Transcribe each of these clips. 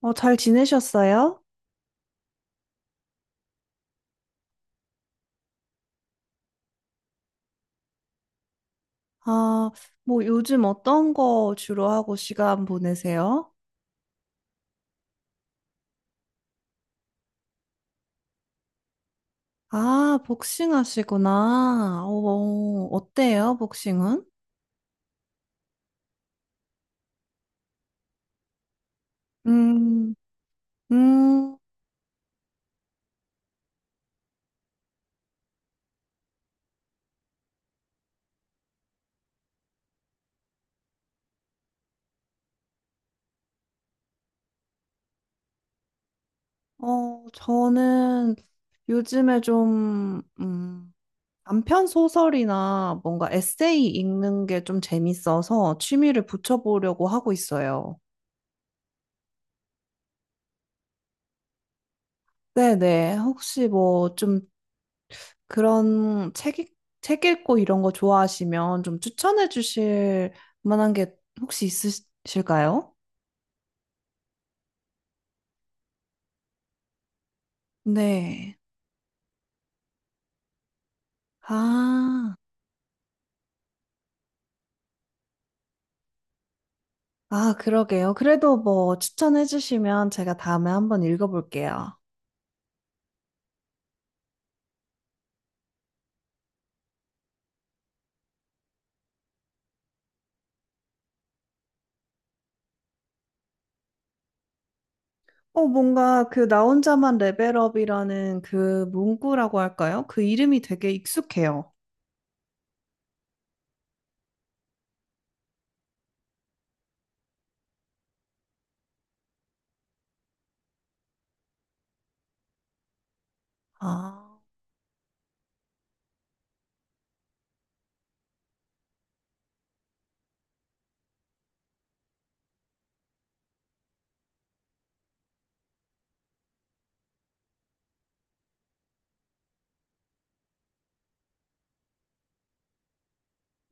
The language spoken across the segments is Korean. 어, 잘 지내셨어요? 아, 뭐 요즘 어떤 거 주로 하고 시간 보내세요? 아, 복싱 하시구나. 어, 어때요, 복싱은? 음. 음. 저는 요즘에 좀, 단편 소설이나 뭔가 에세이 읽는 게 좀 재밌어서 취미를 붙여보려고 하고 있어요. 네네. 혹시 뭐좀 그런 책, 책 읽고 이런 거 좋아하시면 좀 추천해 주실 만한 게 혹시 있으실까요? 네. 아, 아, 그러게요. 그래도 뭐 추천해 주시면 제가 다음에 한번 읽어볼게요. 뭔가 그 나 혼자만 레벨업이라는 그 문구라고 할까요? 그 이름이 되게 익숙해요. 아.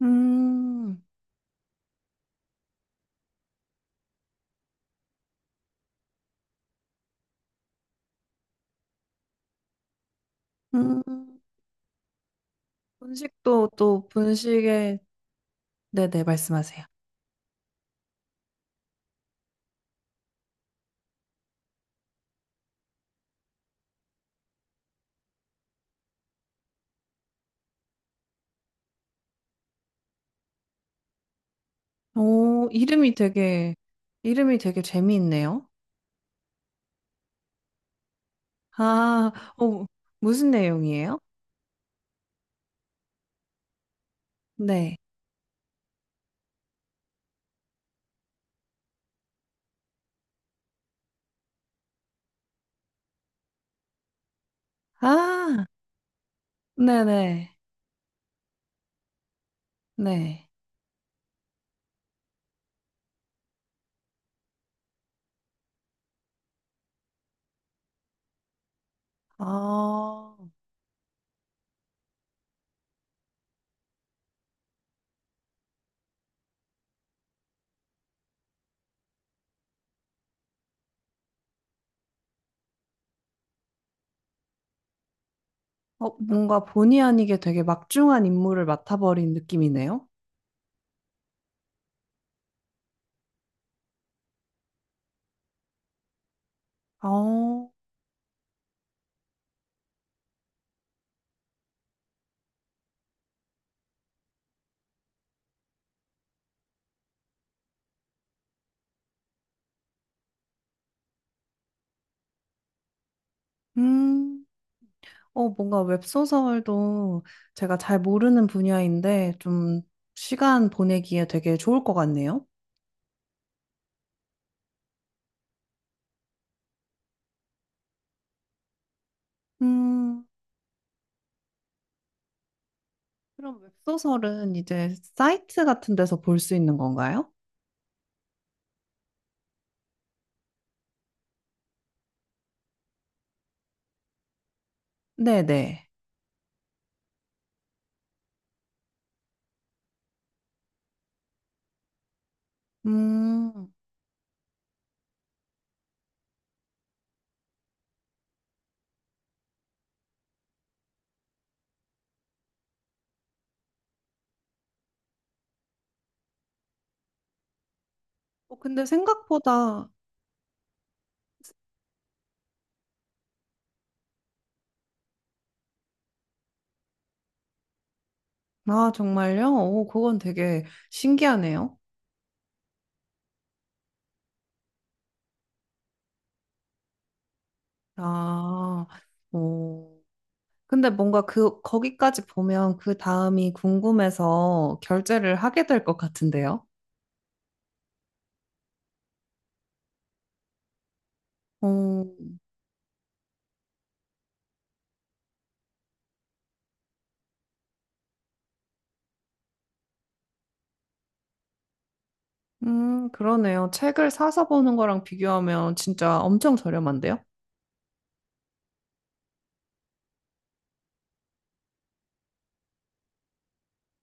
음. 음. 분식도 또 분식에, 네네, 말씀하세요. 오, 이름이 되게 재미있네요. 아, 어, 무슨 내용이에요? 네. 아, 네네. 네. 아, 뭔가 본의 아니게 되게 막중한 인물을 맡아버린 느낌이네요. 어, 음, 뭔가 웹소설도 제가 잘 모르는 분야인데 좀 시간 보내기에 되게 좋을 것 같네요. 음, 그럼 웹소설은 이제 사이트 같은 데서 볼 수 있는 건가요? 네네. 음. 근데 생각보다, 아, 정말요? 오, 그건 되게 신기하네요. 아. 오. 근데 뭔가 그, 거기까지 보면 그 다음이 궁금해서 결제를 하게 될 것 같은데요? 오, 그러네요. 책을 사서 보는 거랑 비교하면 진짜 엄청 저렴한데요?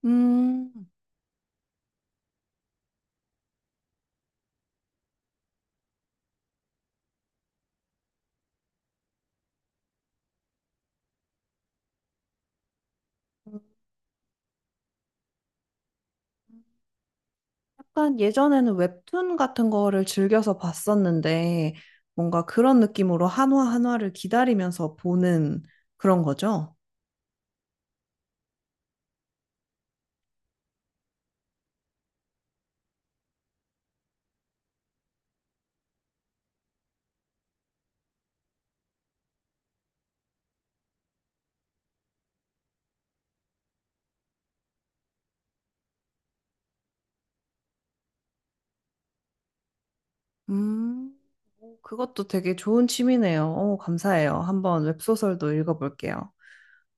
음. 약간 예전에는 웹툰 같은 거를 즐겨서 봤었는데 뭔가 그런 느낌으로 한화 한화를 기다리면서 보는 그런 거죠? 음, 오, 그것도 되게 좋은 취미네요. 오, 감사해요. 한번 웹소설도 읽어볼게요.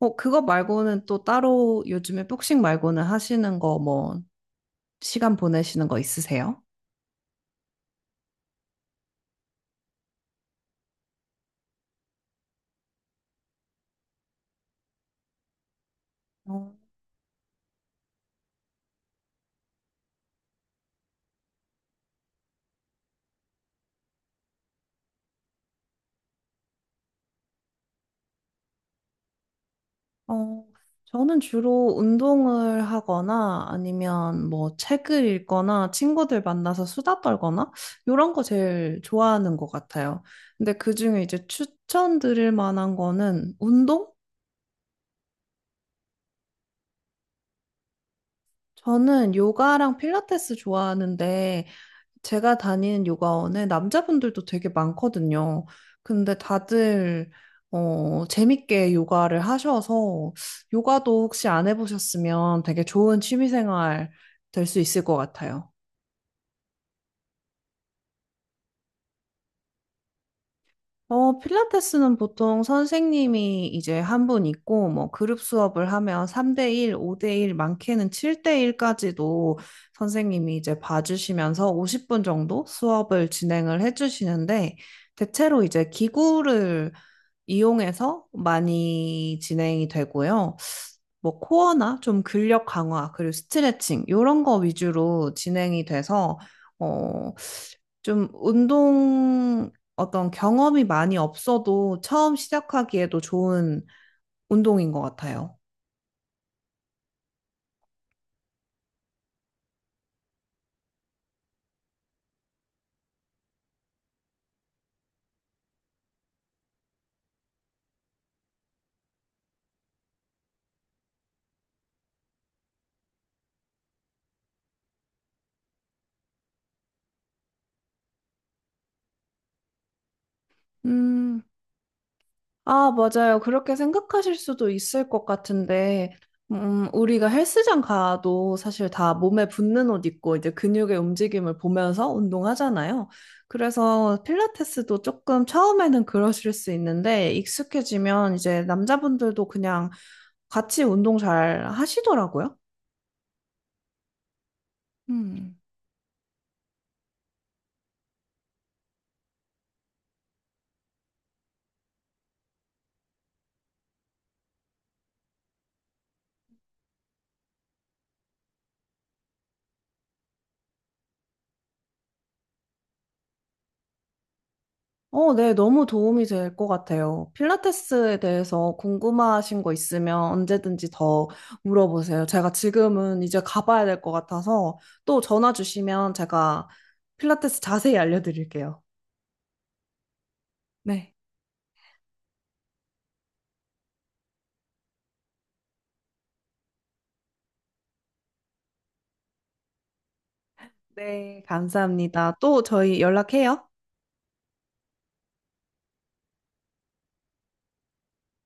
그거 말고는 또 따로 요즘에 복싱 말고는 하시는 거 뭐 시간 보내시는 거 있으세요? 어, 저는 주로 운동을 하거나 아니면 뭐 책을 읽거나 친구들 만나서 수다 떨거나 이런 거 제일 좋아하는 것 같아요. 근데 그중에 이제 추천드릴 만한 거는 운동? 저는 요가랑 필라테스 좋아하는데 제가 다니는 요가원에 남자분들도 되게 많거든요. 근데 다들 재밌게 요가를 하셔서 요가도 혹시 안 해보셨으면 되게 좋은 취미생활 될 수 있을 것 같아요. 필라테스는 보통 선생님이 이제 한 분 있고 뭐 그룹 수업을 하면 3대1, 5대1, 많게는 7대1까지도 선생님이 이제 봐주시면서 50분 정도 수업을 진행을 해주시는데 대체로 이제 기구를 이용해서 많이 진행이 되고요. 뭐 코어나 좀 근력 강화, 그리고 스트레칭 이런 거 위주로 진행이 돼서 어, 좀 운동 어떤 경험이 많이 없어도 처음 시작하기에도 좋은 운동인 것 같아요. 음, 아, 맞아요. 그렇게 생각하실 수도 있을 것 같은데, 우리가 헬스장 가도 사실 다 몸에 붙는 옷 입고 이제 근육의 움직임을 보면서 운동하잖아요. 그래서 필라테스도 조금 처음에는 그러실 수 있는데, 익숙해지면 이제 남자분들도 그냥 같이 운동 잘 하시더라고요. 음. 네, 너무 도움이 될 것 같아요. 필라테스에 대해서 궁금하신 거 있으면 언제든지 더 물어보세요. 제가 지금은 이제 가봐야 될 것 같아서 또 전화 주시면 제가 필라테스 자세히 알려드릴게요. 네. 네, 감사합니다. 또 저희 연락해요.